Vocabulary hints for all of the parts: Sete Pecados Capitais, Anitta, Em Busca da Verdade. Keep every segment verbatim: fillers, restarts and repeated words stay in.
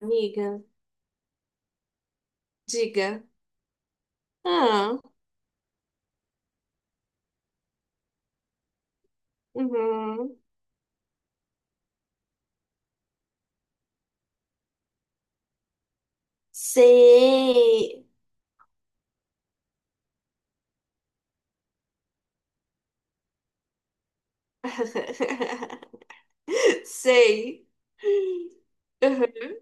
Amiga, diga. Ah, uhum. Sei. Sei. Uhum.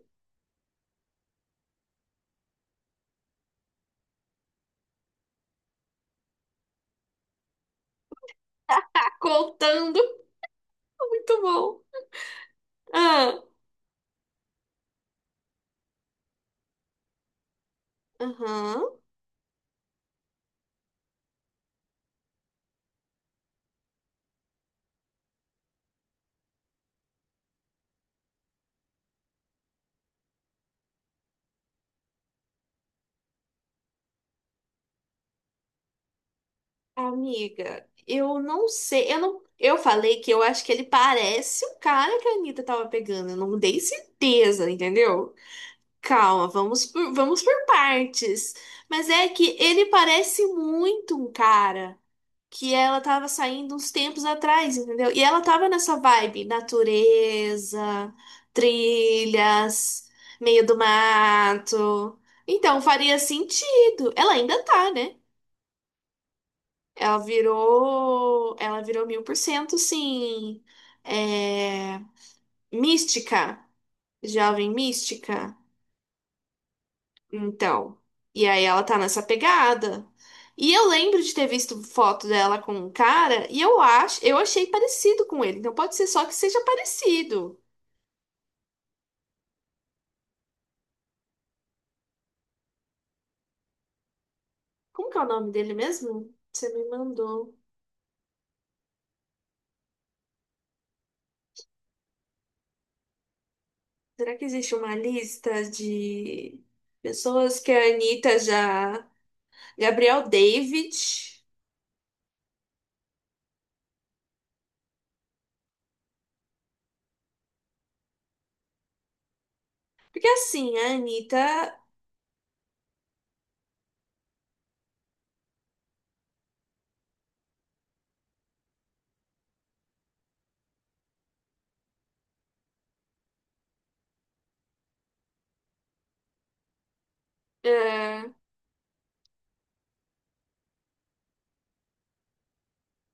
Tá contando. Muito bom. Ah, uhum. Amiga, eu não sei. Eu não... Eu falei que eu acho que ele parece o cara que a Anitta tava pegando. Eu não dei certeza, entendeu? Calma, vamos por, vamos por partes. Mas é que ele parece muito um cara que ela tava saindo uns tempos atrás, entendeu? E ela tava nessa vibe, natureza, trilhas, meio do mato. Então faria sentido. Ela ainda tá, né? Ela virou, ela virou mil por cento, sim, é, mística, jovem mística. Então, e aí ela tá nessa pegada. E eu lembro de ter visto foto dela com um cara e eu acho, eu achei parecido com ele. Então pode ser só que seja parecido. Como que é o nome dele mesmo? Você me mandou. Será que existe uma lista de pessoas que a Anitta já. Gabriel David. Porque assim, a Anitta. é,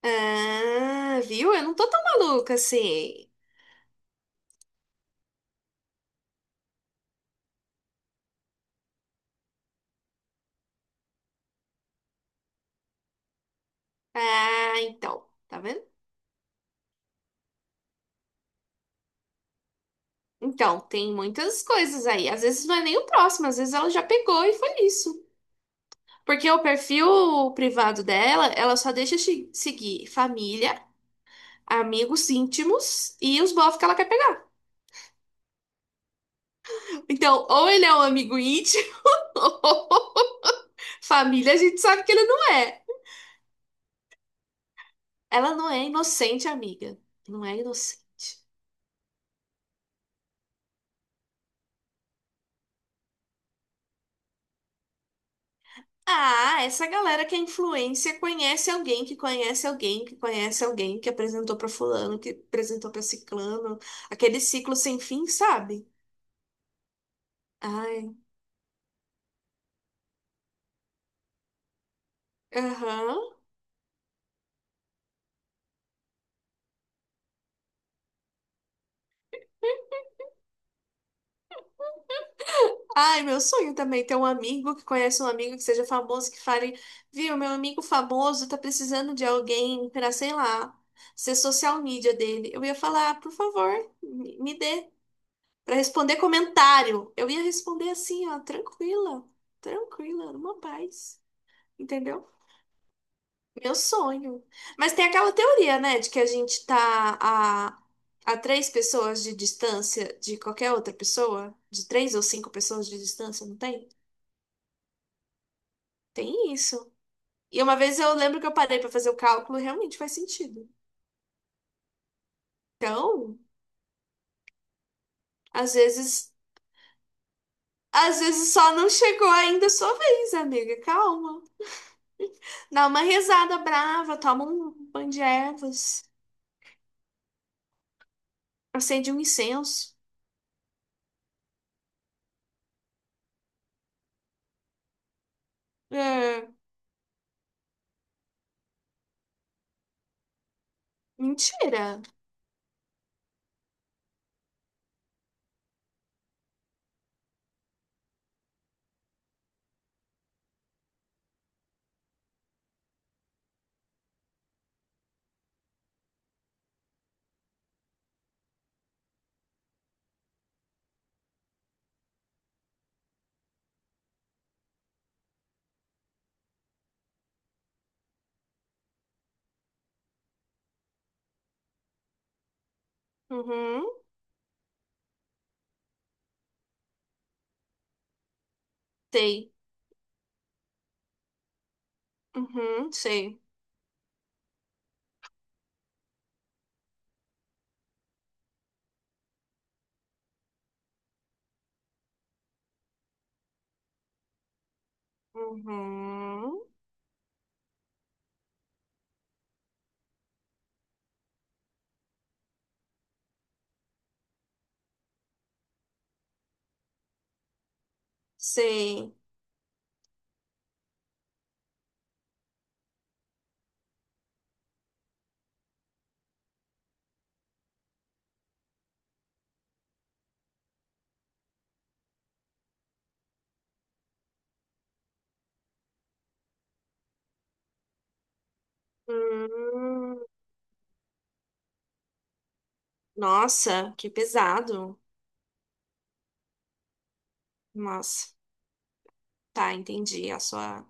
ah, viu? Eu não tô tão maluca assim. Ah, então. Tá vendo? Então, tem muitas coisas aí. Às vezes não é nem o próximo, às vezes ela já pegou e foi isso. Porque o perfil privado dela, ela só deixa se- seguir família, amigos íntimos e os bofs que ela quer pegar. Então, ou ele é um amigo íntimo, ou família, a gente sabe que ele não é. Ela não é inocente, amiga. Não é inocente. Ah, essa galera que é influência conhece alguém que conhece alguém que conhece alguém que apresentou pra fulano, que apresentou pra ciclano, aquele ciclo sem fim, sabe? Ai, aham. Ai, meu sonho também é ter um amigo que conhece um amigo que seja famoso, que fale, viu, meu amigo famoso tá precisando de alguém pra, sei lá, ser social media dele. Eu ia falar, por favor, me me dê pra responder comentário. Eu ia responder assim, ó, tranquila, tranquila, numa paz. Entendeu? Meu sonho. Mas tem aquela teoria, né, de que a gente tá a, a três pessoas de distância de qualquer outra pessoa, de três ou cinco pessoas de distância, não tem? Tem isso. E uma vez eu lembro que eu parei pra fazer o cálculo e realmente faz sentido. Então, às vezes, às vezes só não chegou ainda a sua vez, amiga. Calma. Dá uma rezada brava, toma um banho de ervas, acende um incenso. É, mentira. Uhum. Tem. Uhum, sei. Uhum, sei. Hum, Nossa, que pesado. Nossa, tá, entendi a sua.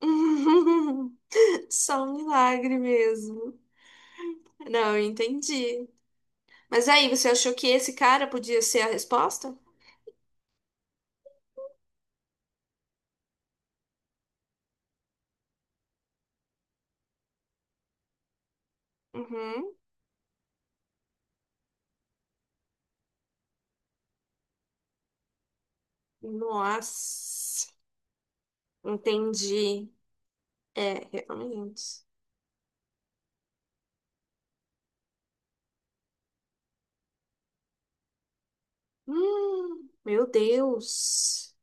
Só um milagre mesmo. Não, eu entendi. Mas aí, você achou que esse cara podia ser a resposta? Uhum. Nossa, entendi. É, realmente. Hum, meu Deus.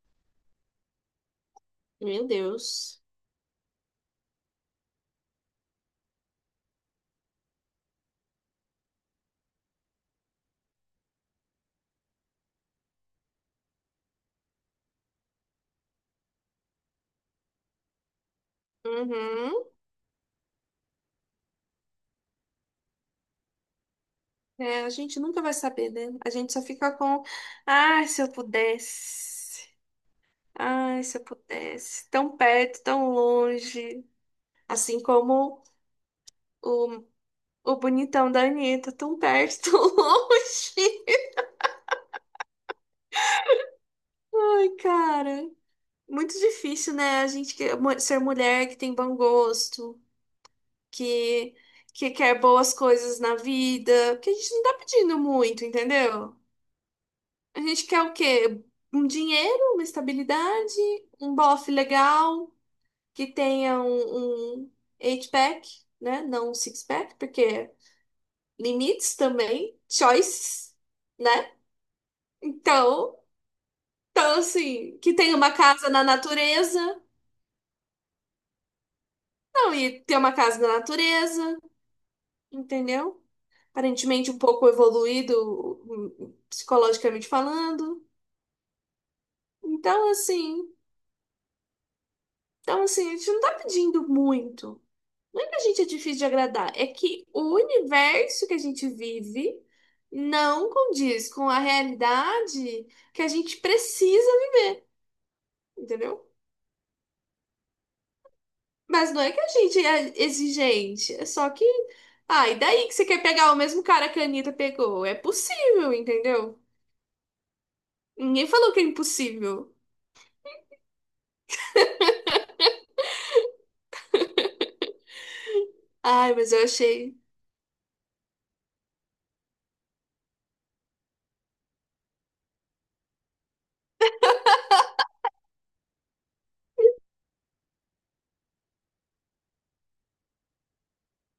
Meu Deus. Uhum. É, a gente nunca vai saber, né? A gente só fica com, ai, se eu pudesse, ai, se eu pudesse, tão perto, tão longe, assim como o, o bonitão da Anitta, tão perto, tão longe. Ai, cara, muito difícil, né? A gente que- mu- ser mulher que tem bom gosto, que, que quer boas coisas na vida, porque a gente não tá pedindo muito, entendeu? A gente quer o quê? Um dinheiro, uma estabilidade, um bofe legal, que tenha um, um eight-pack, né? Não um six-pack, porque limites também, choices, né? Então, então, assim, que tenha uma casa na natureza. Não, e ter uma casa na natureza, entendeu? Aparentemente um pouco evoluído hum, psicologicamente falando. Então, assim, então, assim, a gente não tá pedindo muito. Não é que a gente é difícil de agradar, é que o universo que a gente vive não condiz com a realidade que a gente precisa, entendeu? Mas não é que a gente é exigente, é só que. Ah, e daí que você quer pegar o mesmo cara que a Anitta pegou? É possível, entendeu? Ninguém falou que é impossível. Ai, mas eu achei.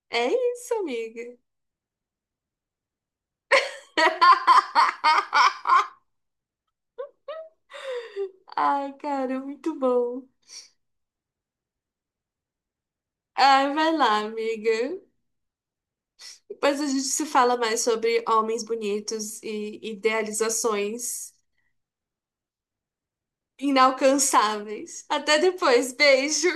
É isso, amiga. Ai, cara, muito bom. Ai, vai lá, amiga. Mas a gente se fala mais sobre homens bonitos e idealizações inalcançáveis. Até depois, beijo!